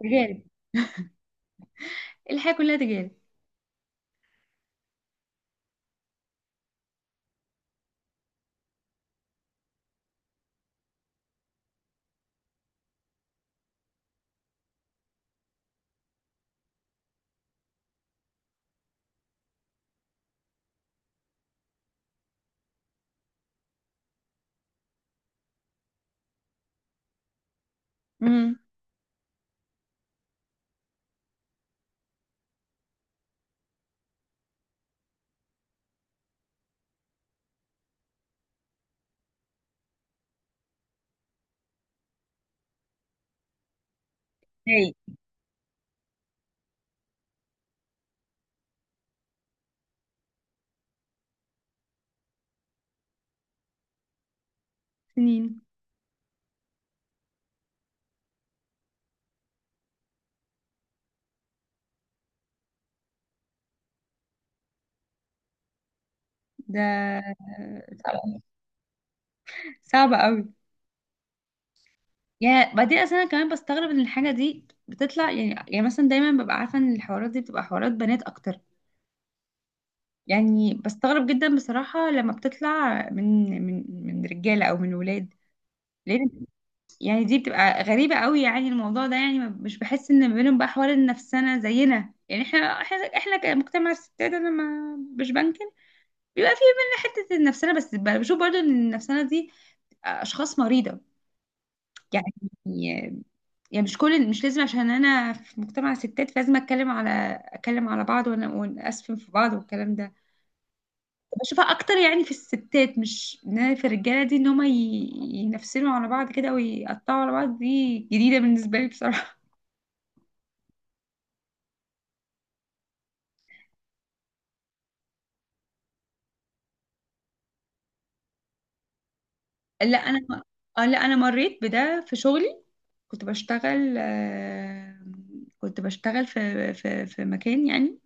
تجارب. الحياة كلها تجارب. امم. هاي. سنين. ده صعب أوي، صعبة قوي. يعني بعدين اصلا انا كمان بستغرب ان الحاجة دي بتطلع، يعني مثلا دايما ببقى عارفة ان الحوارات دي بتبقى حوارات بنات اكتر. يعني بستغرب جدا بصراحة لما بتطلع من رجالة او من ولاد. لان يعني دي بتبقى غريبة قوي، يعني الموضوع ده يعني مش بحس ان ما بينهم بقى حوار النفسنا زينا. يعني احنا، احنا كمجتمع الستات، انا ما مش بنكر بيبقى فيه مننا حتة النفسانة، بس بشوف برضو ان النفسانة دي اشخاص مريضة. يعني، يعني مش كل، مش لازم عشان انا في مجتمع ستات فلازم اتكلم على، اتكلم على بعض ونأسفن في بعض والكلام ده. بشوفها اكتر يعني في الستات، مش ان أنا في الرجالة دي ان هما ينفسنوا على بعض كده ويقطعوا على بعض. دي جديدة بالنسبة لي بصراحة. لا انا اه لا انا مريت بده في شغلي. كنت بشتغل، كنت بشتغل في مكان يعني.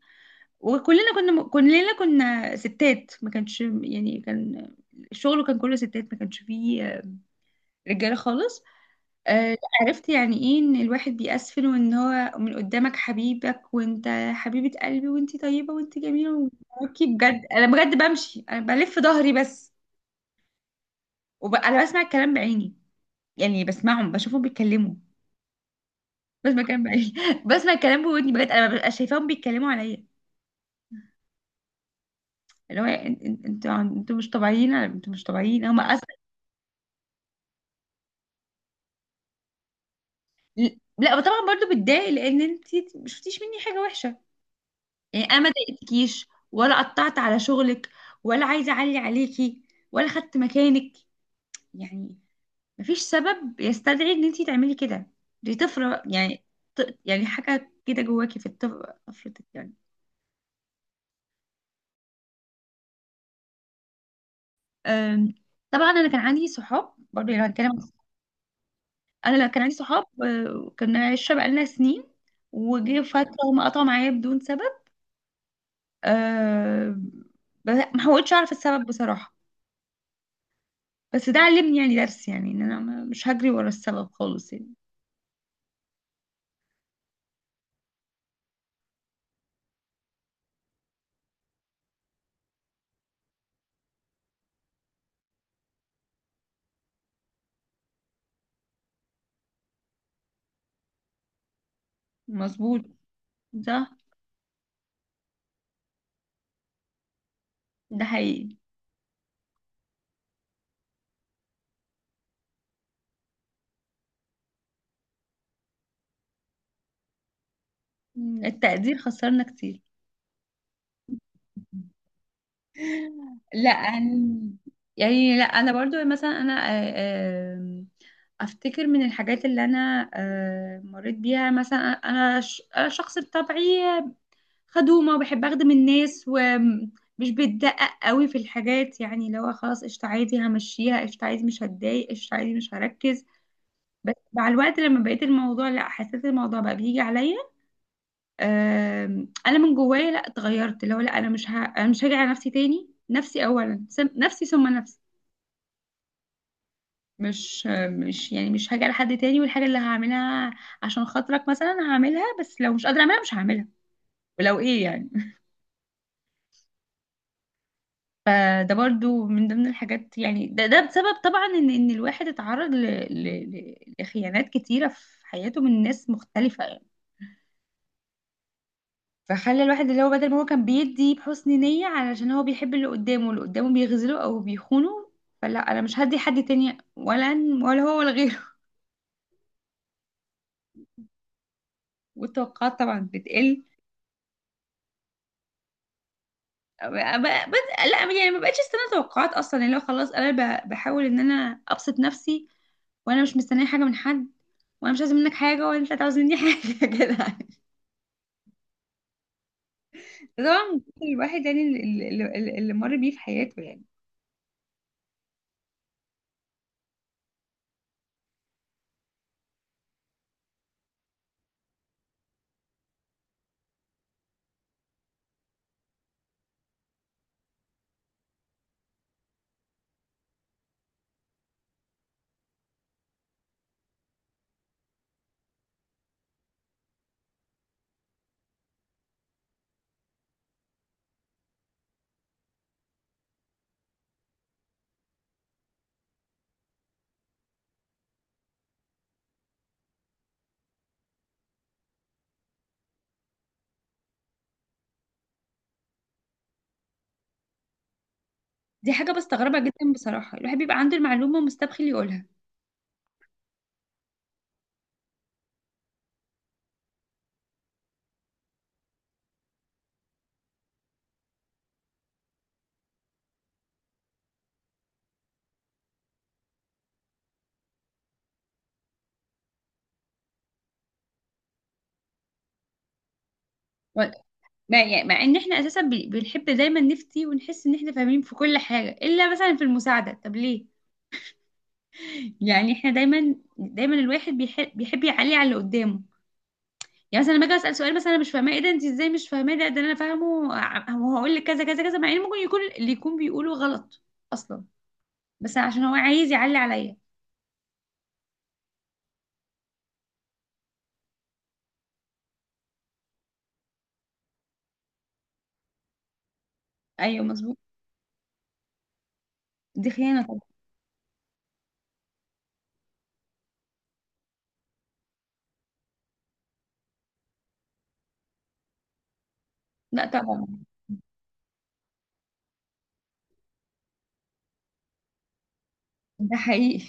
وكلنا كنا كلنا كنا ستات، ما كانش يعني، كان الشغل كان كله ستات، ما كانش فيه رجاله خالص. عرفت يعني ايه ان الواحد بيأسفل، وان هو من قدامك حبيبك، وانت حبيبة قلبي وانت طيبة وانت جميلة، وكي بجد. انا بجد بمشي، انا بلف ظهري بس. انا بسمع الكلام بعيني. يعني بسمعهم، بشوفهم بيتكلموا، بسمع الكلام بعيني بسمع الكلام بودني بجد، انا ببقى شايفاهم بيتكلموا عليا. اللي هو انتوا انتوا مش طبيعيين، انتوا مش طبيعيين هم. لا طبعا برضو بتضايق، لان انت ما شفتيش مني حاجه وحشه. يعني انا ما ضايقتكيش، ولا قطعت على شغلك، ولا عايزه اعلي عليكي، ولا خدت مكانك. يعني مفيش سبب يستدعي ان انت تعملي كده. دي طفره يعني، يعني حاجه كده جواكي في طفرتك يعني. أم، طبعا انا كان عندي صحاب برضو، يعني هنتكلم. انا لا كان عندي صحاب، كنا عشره بقالنا سنين، وجه فتره هم قطعوا معايا بدون سبب. أه ما حاولتش اعرف السبب بصراحة. بس ده علمني يعني درس، يعني ان انا مش هجري ورا السبب خالص يعني. مظبوط. صح. ده حقيقي. التقدير خسرنا كتير. لا أنا، يعني لا انا برضو مثلا، انا آه، آم، افتكر من الحاجات اللي انا مريت بيها مثلا. انا انا شخص بطبعي خدومة وبحب أخدم الناس، ومش بتدقق قوي في الحاجات. يعني لو خلاص قشطة عادي، همشيها قشطة عادي، مش هتضايق قشطة عادي، مش هركز. بس مع الوقت لما بقيت الموضوع، لا حسيت الموضوع بقى بيجي عليا. أنا من جوايا لا اتغيرت. لو لا أنا مش هاجي على نفسي تاني. نفسي أولا، نفسي ثم نفسي. مش مش يعني مش هاجي على حد تاني. والحاجة اللي هعملها عشان خاطرك مثلا هعملها، بس لو مش قادرة أعملها مش هعملها، ولو إيه يعني. فده برضو من ضمن الحاجات. يعني ده بسبب طبعا ان الواحد اتعرض لخيانات كتيرة في حياته من ناس مختلفة يعني. فخلى الواحد، اللي هو بدل ما هو كان بيدي بحسن نية علشان هو بيحب اللي قدامه، اللي قدامه بيغزله او بيخونه. فلا انا مش هدي حد تاني، ولا ولا هو ولا غيره والتوقعات طبعا بتقل. بس لا يعني ما بقتش استنى توقعات اصلا. يعني لو خلاص انا بحاول ان انا ابسط نفسي، وانا مش مستنيه حاجه من حد، وانا مش عايزه منك حاجه، ولا انت عاوز مني حاجه كده. طبعا الواحد، يعني اللي مر بيه في حياته يعني. دي حاجه بستغربها جدا بصراحه، الواحد بيبقى عنده المعلومه ومستبخل يقولها. و- مع، يعني مع ان احنا اساسا بنحب دايما نفتي ونحس ان احنا فاهمين في كل حاجه، الا مثلا في المساعده، طب ليه؟ يعني احنا دايما، دايما الواحد بيحب، بيحب يعلي على اللي قدامه. يعني مثلا لما اجي اسال سؤال مثلا انا مش فاهماه: ايه ده؟ انت ازاي مش فاهماه؟ ده انا فاهمه، وهقول لك كذا كذا كذا، مع ان ممكن يكون اللي يكون بيقوله غلط اصلا، بس عشان هو عايز يعلي عليا. ايوه مظبوط. دي خيانه طبعا. لا طبعا. ده حقيقي.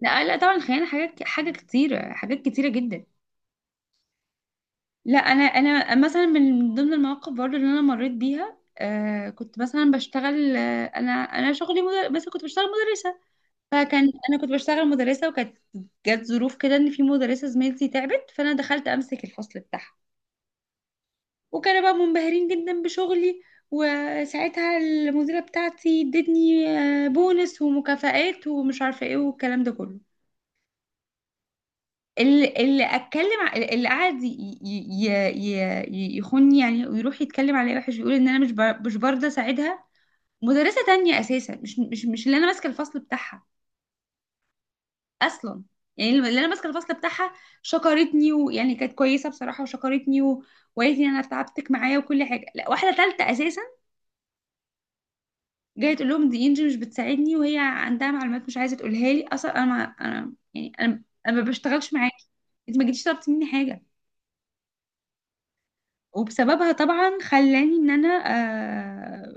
لا لا طبعا خيانه، حاجات، حاجه كتيره، حاجات كتيره جدا. لا انا مثلا من ضمن المواقف برضو اللي انا مريت بيها. كنت مثلا بشتغل، انا شغلي بس كنت بشتغل مدرسه. فكان انا كنت بشتغل مدرسه، وكانت جت ظروف كده ان في مدرسه زميلتي تعبت، فانا دخلت امسك الفصل بتاعها. وكانوا بقى منبهرين جدا بشغلي، وساعتها المديره بتاعتي ادتني بونس ومكافآت ومش عارفه ايه والكلام ده كله. اللي اتكلم، اللي قعد ي- ي- يخوني يعني، ويروح يتكلم عليا وحش، ويقول ان انا مش برضه اساعدها مدرسه تانية اساسا، مش اللي انا ماسكه الفصل بتاعها اصلا. يعني اللي انا ماسكه الفصل بتاعها شكرتني، ويعني كانت كويسه بصراحه، وشكرتني، وقالت لي انا تعبتك معايا وكل حاجه. لا واحده ثالثه اساسا جايه تقول لهم دي انجي مش بتساعدني، وهي عندها معلومات مش عايزه تقولها لي اصلا. انا ما انا يعني انا ما بشتغلش معاكي، انت ما جيتيش طلبتي مني حاجه. وبسببها طبعا خلاني ان انا، آه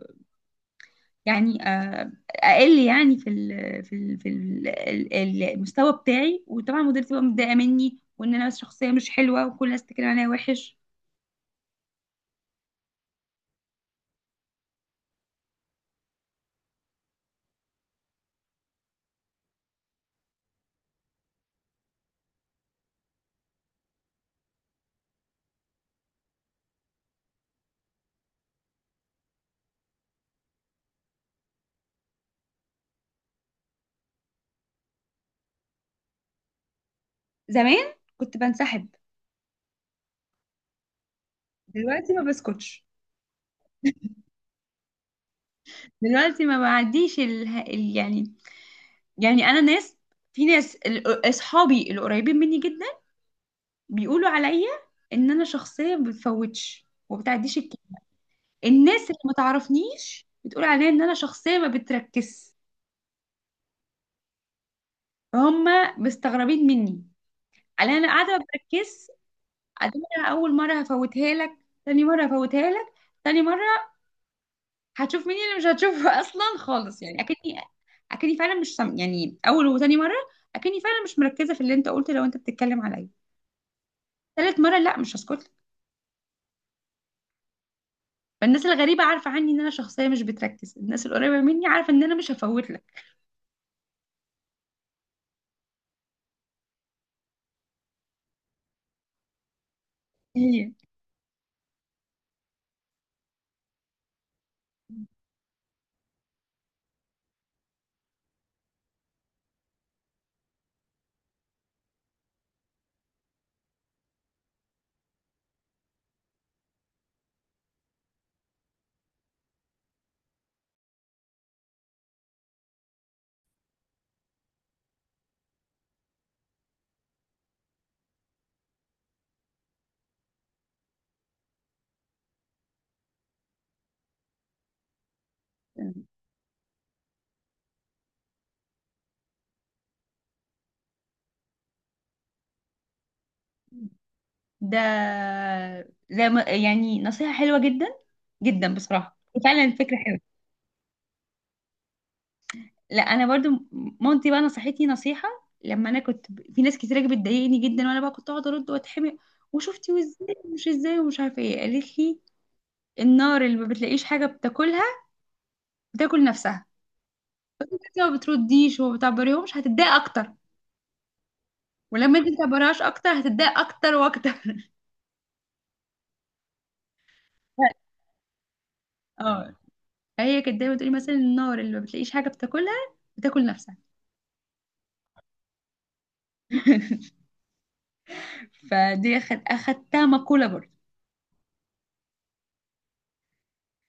اقل يعني في ال، المستوى بتاعي. وطبعا مديرتي بقى متضايقه مني، وان انا شخصيه مش حلوه، وكل الناس بتتكلم عليا وحش. زمان كنت بنسحب، دلوقتي ما بسكتش. دلوقتي ما بعديش يعني. يعني انا ناس، في ناس اصحابي القريبين مني جدا بيقولوا عليا ان انا شخصيه ما بتفوتش وما بتعديش الكلام. الناس اللي ما تعرفنيش بتقول عليا ان انا شخصيه ما بتركز، فهم مستغربين مني على انا قاعده ما بركزش. أدي انا اول مره هفوتها لك، تاني مره هفوتها لك، تاني مره هتشوف مين اللي مش هتشوفه اصلا خالص. يعني اكني فعلا مش سم... يعني اول وتاني مره اكني فعلا مش مركزه في اللي انت قلته، لو انت بتتكلم عليا. تالت مره لا مش هسكت لك. فالناس الغريبه عارفه عني ان انا شخصيه مش بتركز، الناس القريبه مني عارفه ان انا مش هفوت لك. هي. ده زي ما، يعني نصيحه حلوه جدا، جدا بصراحه. فعلا فكره حلوه. لا انا برضو مامتي بقى نصحتني نصيحه لما انا كنت في ناس كتير بتضايقني جدا، وانا بقى كنت اقعد ارد واتحمق، وشفتي وازاي ومش ازاي ومش عارفه ايه. قالت لي: النار اللي ما بتلاقيش حاجه بتاكلها بتاكل نفسها. انت ما بترديش وما بتعبريهمش هتتضايق اكتر. ولما انت ما تعبرهاش اكتر هتتضايق اكتر واكتر. اه، هي كانت دايما تقولي مثلا: النار اللي ما بتلاقيش حاجه بتاكلها بتاكل نفسها. فدي اخدتها مقوله برضو.